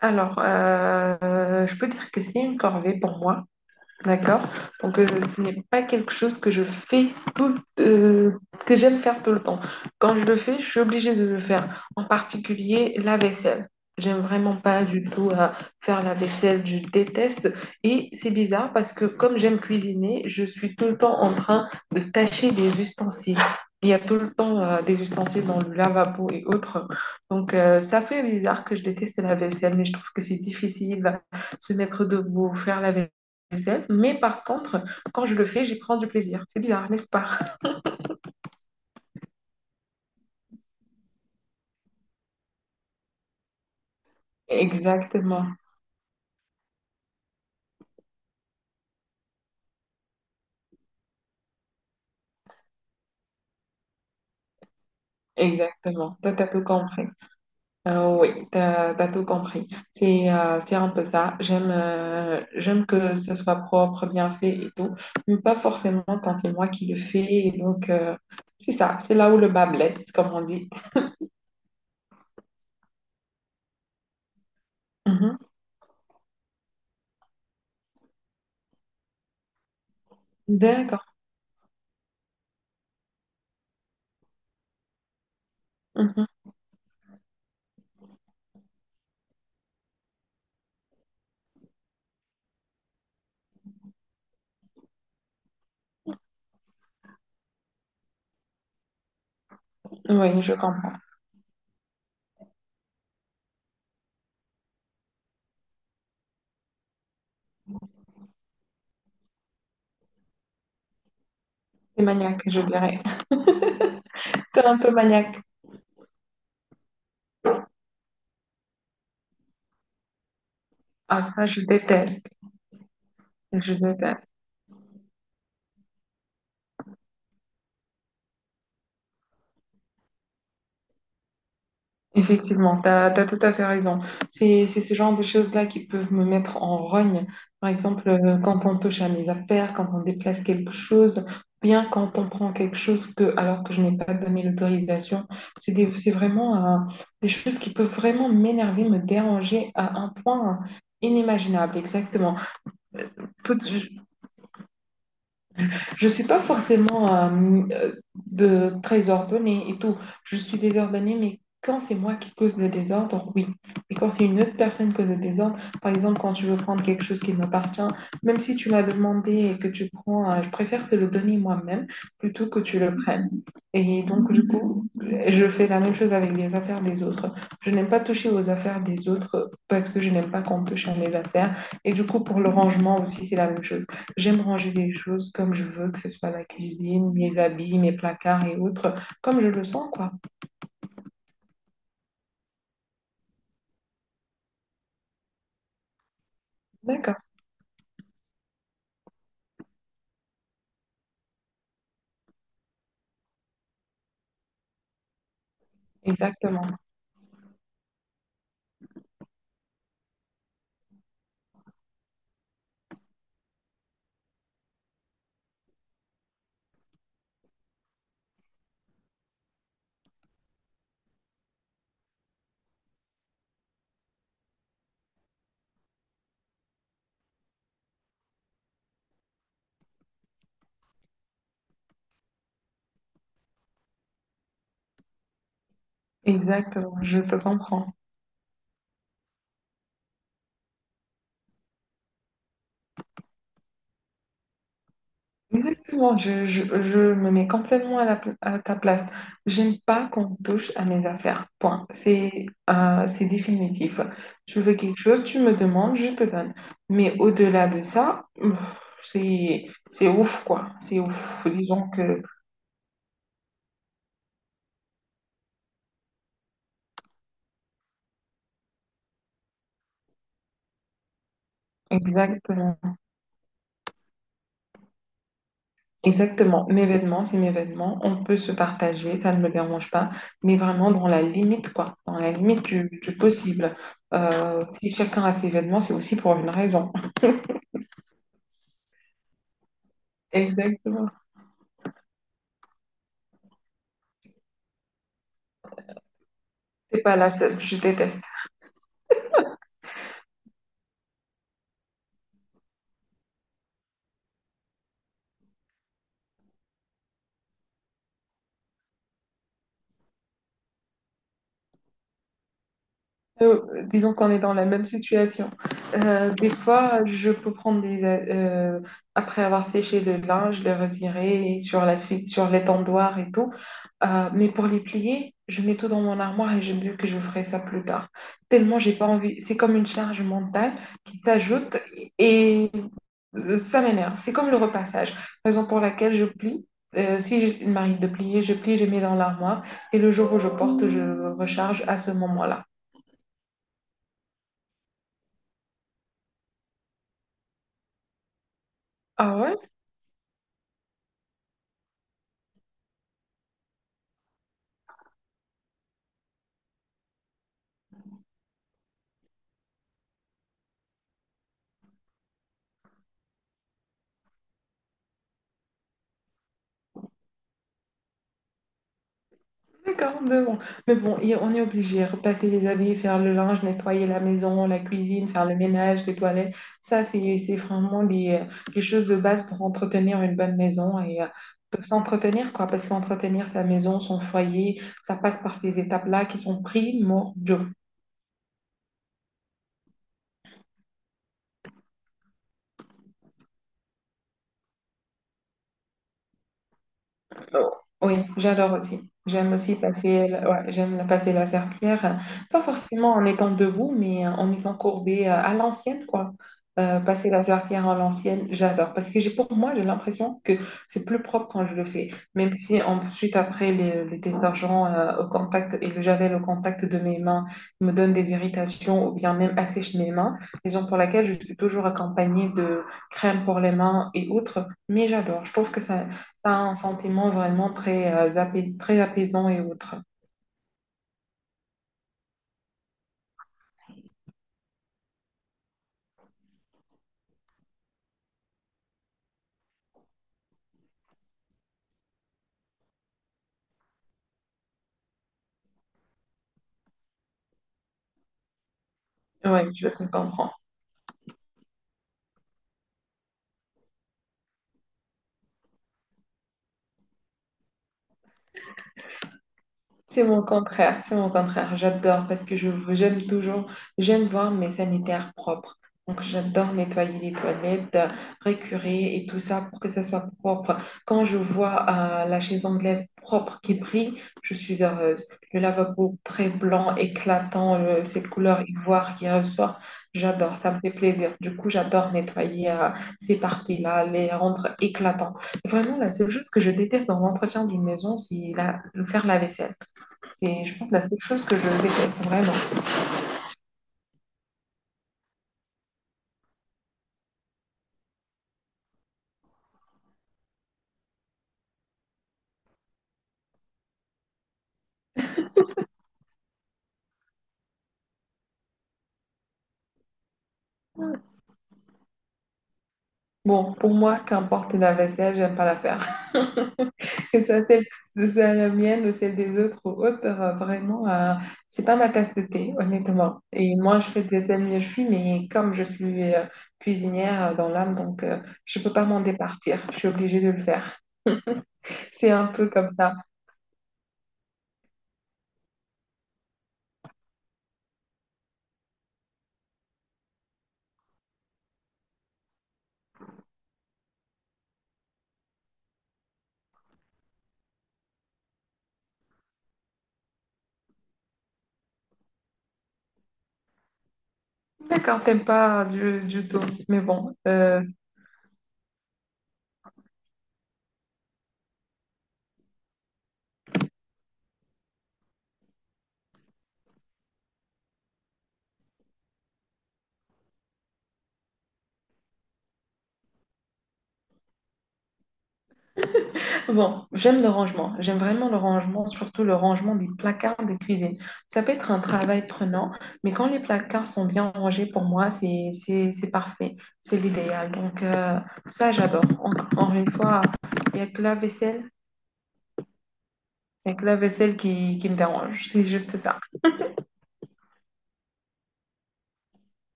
Je peux dire que c'est une corvée pour moi. D'accord. Donc, ce n'est pas quelque chose que je fais tout, euh, que j'aime faire tout le temps. Quand je le fais, je suis obligée de le faire. En particulier, la vaisselle. J'aime vraiment pas du tout faire la vaisselle, je déteste. Et c'est bizarre parce que comme j'aime cuisiner, je suis tout le temps en train de tâcher des ustensiles. Il y a tout le temps des ustensiles dans le lavabo et autres. Donc, ça fait bizarre que je déteste la vaisselle, mais je trouve que c'est difficile de se mettre debout, faire la vaisselle. SF, mais par contre, quand je le fais, j'y prends du plaisir. C'est bizarre, n'est-ce pas? Exactement, exactement. Toi, t'as tout compris. Oui, t'as tout compris. C'est un peu ça. J'aime j'aime que ce soit propre, bien fait et tout, mais pas forcément quand c'est moi qui le fais. Et donc, c'est ça. C'est là où le bas blesse, comme on dit. Mhm. D'accord. Mhm. Oui, je comprends. C'est maniaque, je dirais. T'es un peu maniaque. Ah, ça, je déteste. Je déteste. Effectivement, tu as, tout à fait raison. C'est ce genre de choses-là qui peuvent me mettre en rogne. Par exemple, quand on touche à mes affaires, quand on déplace quelque chose, bien quand on prend quelque chose que, alors que je n'ai pas donné l'autorisation, c'est vraiment des choses qui peuvent vraiment m'énerver, me déranger à un point inimaginable. Exactement. Je ne suis pas forcément euh, très ordonnée et tout. Je suis désordonnée, mais quand c'est moi qui cause le désordre, oui. Et quand c'est une autre personne qui cause le désordre, par exemple, quand tu veux prendre quelque chose qui m'appartient, même si tu m'as demandé et que tu prends, je préfère te le donner moi-même plutôt que tu le prennes. Et donc, du coup, je fais la même chose avec les affaires des autres. Je n'aime pas toucher aux affaires des autres parce que je n'aime pas qu'on touche à mes affaires. Et du coup, pour le rangement aussi, c'est la même chose. J'aime ranger les choses comme je veux, que ce soit ma cuisine, mes habits, mes placards et autres, comme je le sens, quoi. D'accord, exactement, exactement, je te comprends. Exactement, je me mets complètement à, à ta place. J'aime pas qu'on touche à mes affaires, point. C'est définitif. Je veux quelque chose, tu me demandes, je te donne. Mais au-delà de ça, pff, c'est ouf, quoi. C'est ouf. Disons que, exactement. Exactement, mes vêtements, c'est mes vêtements, on peut se partager, ça ne me dérange pas, mais vraiment dans la limite, quoi, dans la limite du possible. Si chacun a ses vêtements, c'est aussi pour une raison. Exactement. C'est pas la seule, je déteste. Disons qu'on est dans la même situation. Des fois, je peux prendre après avoir séché le linge, le retirer sur sur l'étendoir et tout. Mais pour les plier, je mets tout dans mon armoire et je me dis que je ferai ça plus tard. Tellement j'ai pas envie. C'est comme une charge mentale qui s'ajoute et ça m'énerve. C'est comme le repassage. Raison pour laquelle je plie. Si je- Il m'arrive de plier, je plie, je mets dans l'armoire et le jour où je porte, je recharge à ce moment-là. Ah ouais? D'accord, et on est obligé de repasser les habits, faire le linge, nettoyer la maison, la cuisine, faire le ménage, les toilettes. Ça, c'est vraiment des choses de base pour entretenir une bonne maison et pour s'entretenir, quoi, parce qu'entretenir sa maison, son foyer, ça passe par ces étapes-là qui sont primordiaux. Oh, oui, j'adore aussi. J'aime passer la serpillière, pas forcément en étant debout, mais en étant courbée à l'ancienne, quoi. Passer la serpillière à l'ancienne, j'adore. Parce que j'ai l'impression que c'est plus propre quand je le fais. Même si ensuite, après, les détergents au contact et le javel au contact de mes mains me donnent des irritations ou bien même assèchent mes mains. Raison pour laquelle je suis toujours accompagnée de crème pour les mains et autres. Mais j'adore. Je trouve que ça a un sentiment vraiment très, très apaisant et autre. Oui, je te comprends. C'est mon contraire. J'adore parce que j'aime voir mes sanitaires propres. Donc j'adore nettoyer les toilettes, récurer et tout ça pour que ça soit propre. Quand je vois la chaise anglaise propre qui brille, je suis heureuse. Le lavabo très blanc, éclatant, cette couleur ivoire qui ressort, j'adore, ça me fait plaisir. Du coup, j'adore nettoyer ces parties-là, les rendre éclatants. Vraiment, la seule chose que je déteste dans l'entretien d'une maison, c'est faire la vaisselle. C'est, je pense, la seule chose que je déteste vraiment. Bon, pour moi, qu'importe la vaisselle, j'aime pas la faire. Que ce soit la mienne ou celle des autres ou autres, vraiment, c'est pas ma tasse de thé, honnêtement. Et moi, je fais de vaisselle mieux je suis, mais comme je suis cuisinière dans l'âme, je peux pas m'en départir. Je suis obligée de le faire. C'est un peu comme ça. D'accord, t'aimes pas du tout, mais bon, euh, bon, j'aime le rangement. J'aime vraiment le rangement, surtout le rangement des placards de cuisine. Ça peut être un travail prenant, mais quand les placards sont bien rangés, pour moi, c'est parfait. C'est l'idéal. Donc, ça, j'adore. Encore une fois, il n'y a que la vaisselle, il y a que la vaisselle qui me dérange. C'est juste ça.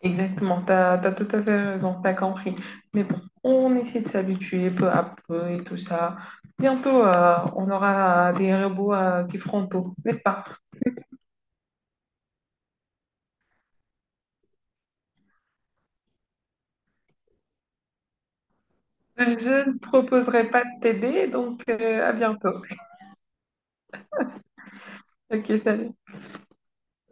Exactement. Tu as, tout à fait raison. T'as compris. Mais bon, on essaie de s'habituer peu à peu et tout ça. Bientôt, on aura des robots qui feront tout, n'est-ce pas? Je ne proposerai pas de t'aider, à bientôt. Ok, salut.